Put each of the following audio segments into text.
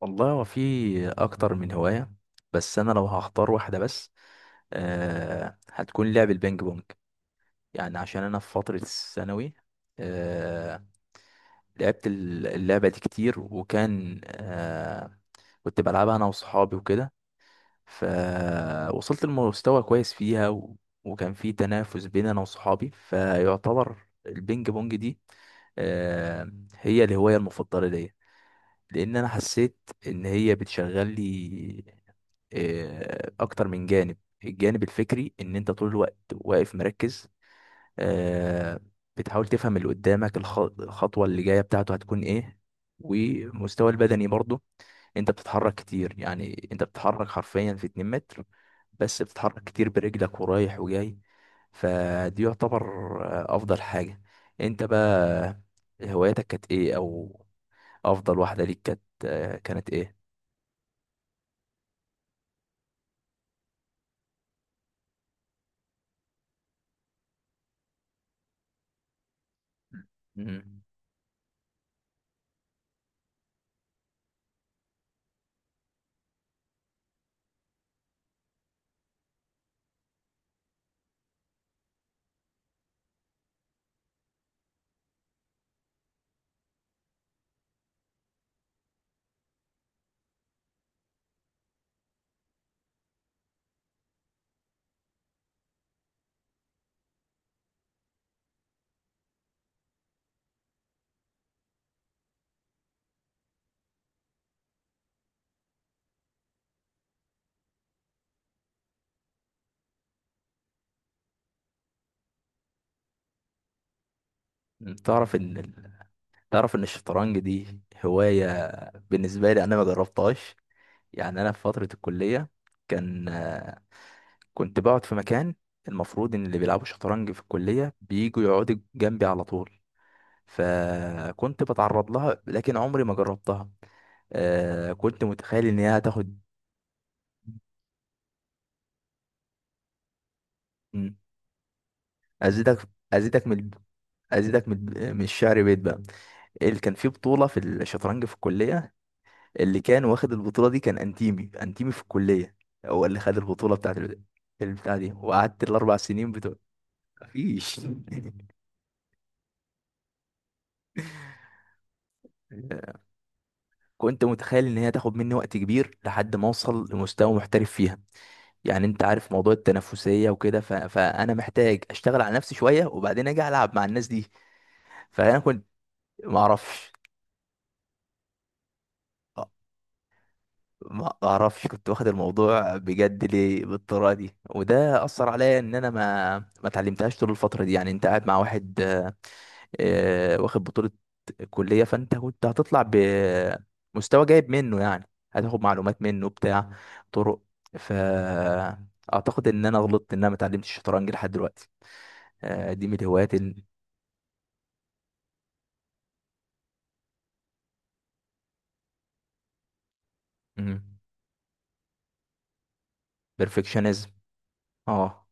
والله هو في اكتر من هواية. بس انا لو هختار واحدة بس هتكون لعب البينج بونج. يعني عشان انا في فترة الثانوي آه لعبت اللعبة دي كتير. وكان كنت بلعبها انا وصحابي وكده. فوصلت لمستوى كويس فيها وكان في تنافس بين انا وصحابي. فيعتبر البينج بونج دي هي الهواية المفضلة ليا، لان انا حسيت ان هي بتشغل لي اكتر من جانب. الجانب الفكري ان انت طول الوقت واقف مركز، آه، بتحاول تفهم اللي قدامك الخطوة اللي جاية بتاعته هتكون ايه. ومستوى البدني برضه، انت بتتحرك كتير، يعني انت بتتحرك حرفيا في 2 متر بس بتتحرك كتير برجلك ورايح وجاي. فدي يعتبر افضل حاجة. انت بقى، هواياتك كانت ايه، او افضل واحدة ليك كانت كانت ايه؟ مم. تعرف ان ال- تعرف ان الشطرنج دي هواية بالنسبة لي انا ما جربتهاش. يعني انا في فترة الكلية كان، كنت بقعد في مكان المفروض ان اللي بيلعبوا شطرنج في الكلية بييجوا يقعدوا جنبي على طول، فكنت بتعرض لها لكن عمري ما جربتها. كنت متخيل ان هي هتاخد. مم، ازيدك ازيدك من الب- ازيدك من الشعر بيت بقى. اللي كان في بطولة في الشطرنج في الكلية، اللي كان واخد البطولة دي، كان انتيمي في الكلية. هو اللي خد البطولة بتاعت البتاع دي، وقعدت الأربع سنين بتوع مفيش كنت متخيل ان هي تاخد مني وقت كبير لحد ما اوصل لمستوى محترف فيها. يعني انت عارف موضوع التنافسية وكده، فانا محتاج اشتغل على نفسي شوية وبعدين اجي العب مع الناس دي. فانا كنت ما اعرفش ما اعرفش كنت واخد الموضوع بجد ليه بالطريقه دي، وده اثر عليا ان انا ما اتعلمتهاش طول الفتره دي. يعني انت قاعد مع واحد، واخد بطوله كليه، فانت كنت هتطلع بمستوى جايب منه. يعني هتاخد معلومات منه بتاع طرق. فاعتقد ان انا غلطت ان انا ما اتعلمتش الشطرنج لحد دلوقتي. آه، دي من الهوايات ال- مم. Perfectionism. اه.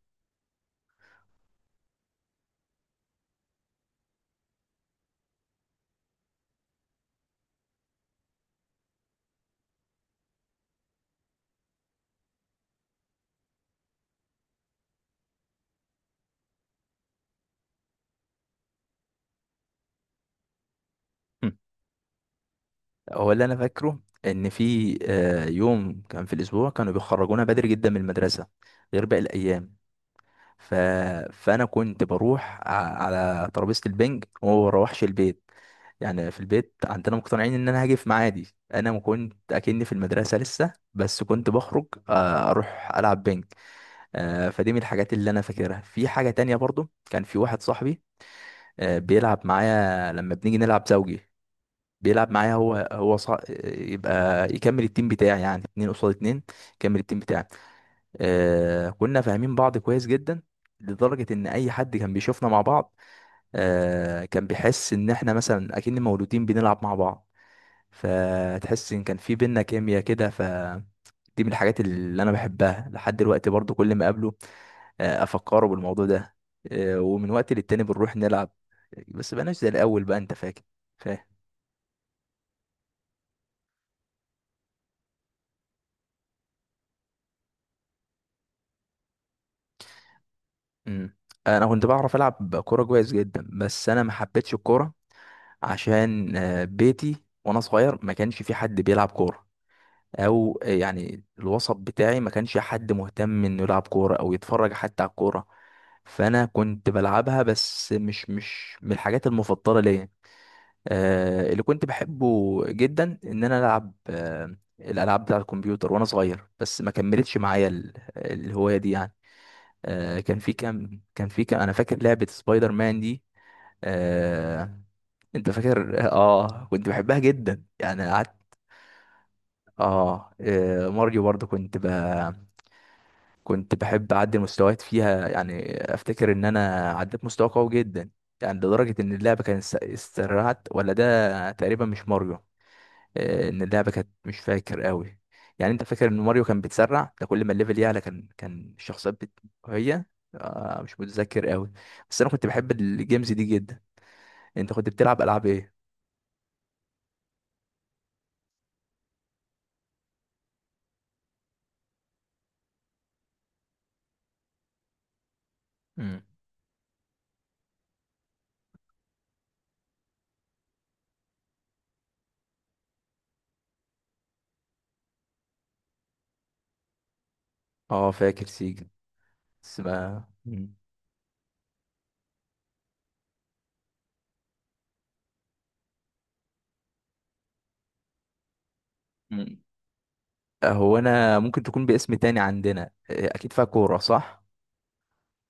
هو اللي انا فاكره ان في يوم كان في الاسبوع كانوا بيخرجونا بدري جدا من المدرسه غير باقي الايام. ف... فانا كنت بروح على ترابيزه البنج وما بروحش البيت. يعني في البيت عندنا مقتنعين ان انا هاجي في ميعادي. انا ما كنت اكني في المدرسه لسه بس كنت بخرج اروح العب بنج. فدي من الحاجات اللي انا فاكرها. في حاجه تانية برضو، كان في واحد صاحبي بيلعب معايا لما بنيجي نلعب زوجي. بيلعب معايا يبقى يكمل التيم بتاعي، يعني اتنين قصاد اتنين. يكمل التيم بتاعي. كنا فاهمين بعض كويس جدا، لدرجة ان اي حد كان بيشوفنا مع بعض كان بيحس ان احنا مثلا اكن مولودين بنلعب مع بعض. فتحس ان كان في بينا كيمياء كده. دي من الحاجات اللي انا بحبها لحد دلوقتي، برضو كل ما اقابله افكره بالموضوع ده. ومن وقت للتاني بنروح نلعب، بس بقناش زي الاول بقى، انت فاكر؟ فاهم. مم. انا كنت بعرف العب كوره كويس جدا بس انا ما حبيتش الكوره، عشان بيتي وانا صغير ما كانش في حد بيلعب كوره، او يعني الوسط بتاعي ما كانش حد مهتم انه يلعب كوره او يتفرج حتى على الكوره. فانا كنت بلعبها بس مش من الحاجات المفضله ليا. اللي كنت بحبه جدا ان انا العب الالعاب بتاع الكمبيوتر وانا صغير، بس ما كملتش معايا الهوايه دي. يعني كان في كام انا فاكر لعبة سبايدر مان دي. آه انت فاكر؟ اه كنت بحبها جدا يعني قعدت. ماريو برضو كنت بحب اعدي المستويات فيها. يعني افتكر ان انا عديت مستوى قوي جدا، يعني لدرجة ان اللعبة كانت استرعت، ولا ده تقريبا مش ماريو. ان اللعبه كانت مش فاكر قوي. يعني انت فاكر ان ماريو كان بيتسرع ده كل ما الليفل يعلى كان الشخصيات هي. مش متذكر قوي. بس انا كنت بحب الجيمز دي جدا. انت كنت بتلعب العاب ايه؟ مم. اه فاكر سيجا. بس ما مم. مم. هو انا ممكن تكون باسم تاني عندنا. اكيد فيها كوره، صح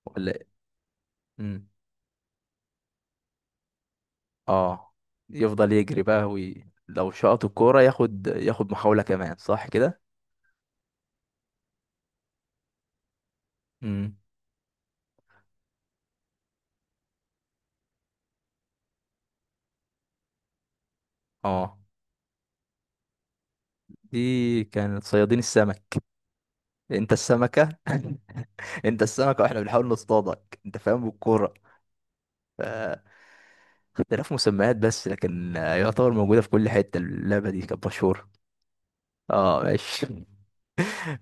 ولا إيه؟ مم. اه، يفضل يجري بقى لو شاط الكوره ياخد، ياخد محاوله كمان، صح كده. مم. اه دي كانت صيادين السمك. انت السمكة انت السمكة واحنا بنحاول نصطادك، انت فاهم بالكورة. ف- اختلاف مسميات بس، لكن يعتبر موجودة في كل حتة. اللعبة دي كانت مشهورة. اه ماشي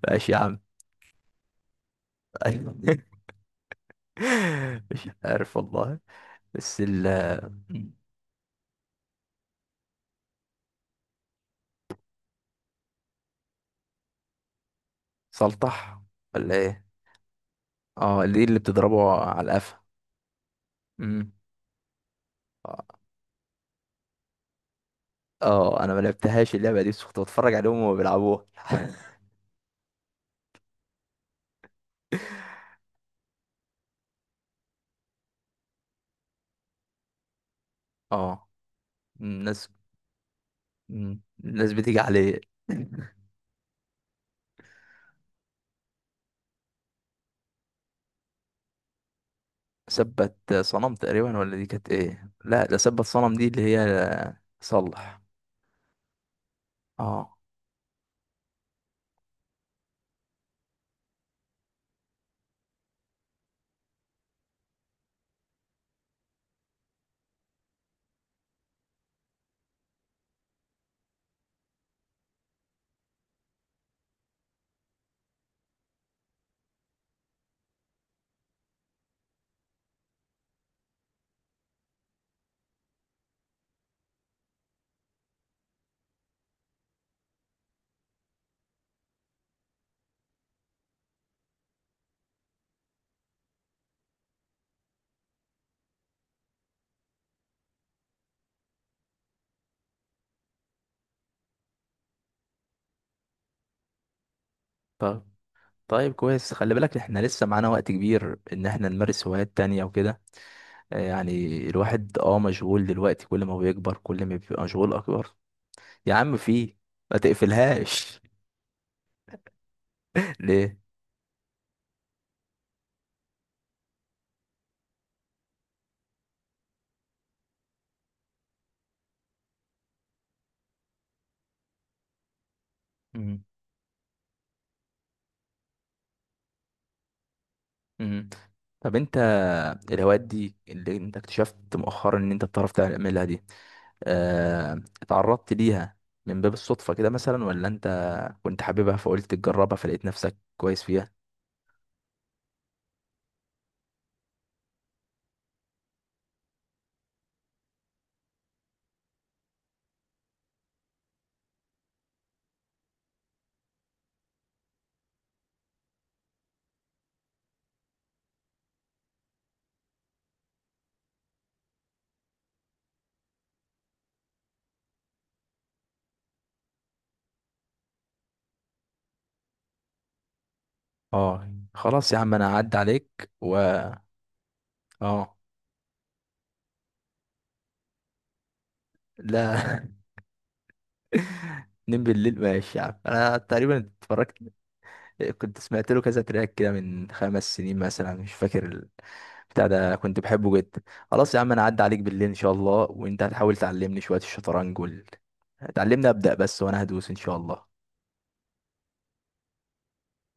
ماشي يا عم. مش عارف والله. بس ال سلطح ولا ايه؟ اه، دي اللي بتضربه على القفا. امم. اه. انا ما لعبتهاش اللعبة دي بس كنت بتفرج عليهم وهما بيلعبوها اه الناس مم. الناس بتيجي عليه. ثبت صنم تقريبا، ولا دي كانت ايه؟ لا، ده ثبت صنم. دي اللي هي صلح. اه. طب طيب كويس، خلي بالك احنا لسه معانا وقت كبير ان احنا نمارس هوايات تانية وكده. يعني الواحد مشغول دلوقتي، كل ما بيكبر كل ما بيبقى مشغول اكبر. يا عم في، ما تقفلهاش. ليه؟ مم. مم. طب انت، الهوايات دي اللي انت اكتشفت مؤخرا ان انت بتعرف تعملها دي، اتعرضت ليها من باب الصدفة كده مثلا، ولا انت كنت حاببها فقلت تجربها فلقيت نفسك كويس فيها؟ اه خلاص يا عم انا هعدي عليك اه لا نم بالليل. ماشي يا عم. انا تقريبا اتفرجت. كنت سمعت له كذا تراك كده من 5 سنين مثلا، مش فاكر بتاع ده، كنت بحبه جدا. خلاص يا عم انا هعدي عليك بالليل ان شاء الله، وانت هتحاول تعلمني شوية الشطرنج تعلمني ابدأ بس وانا هدوس ان شاء الله.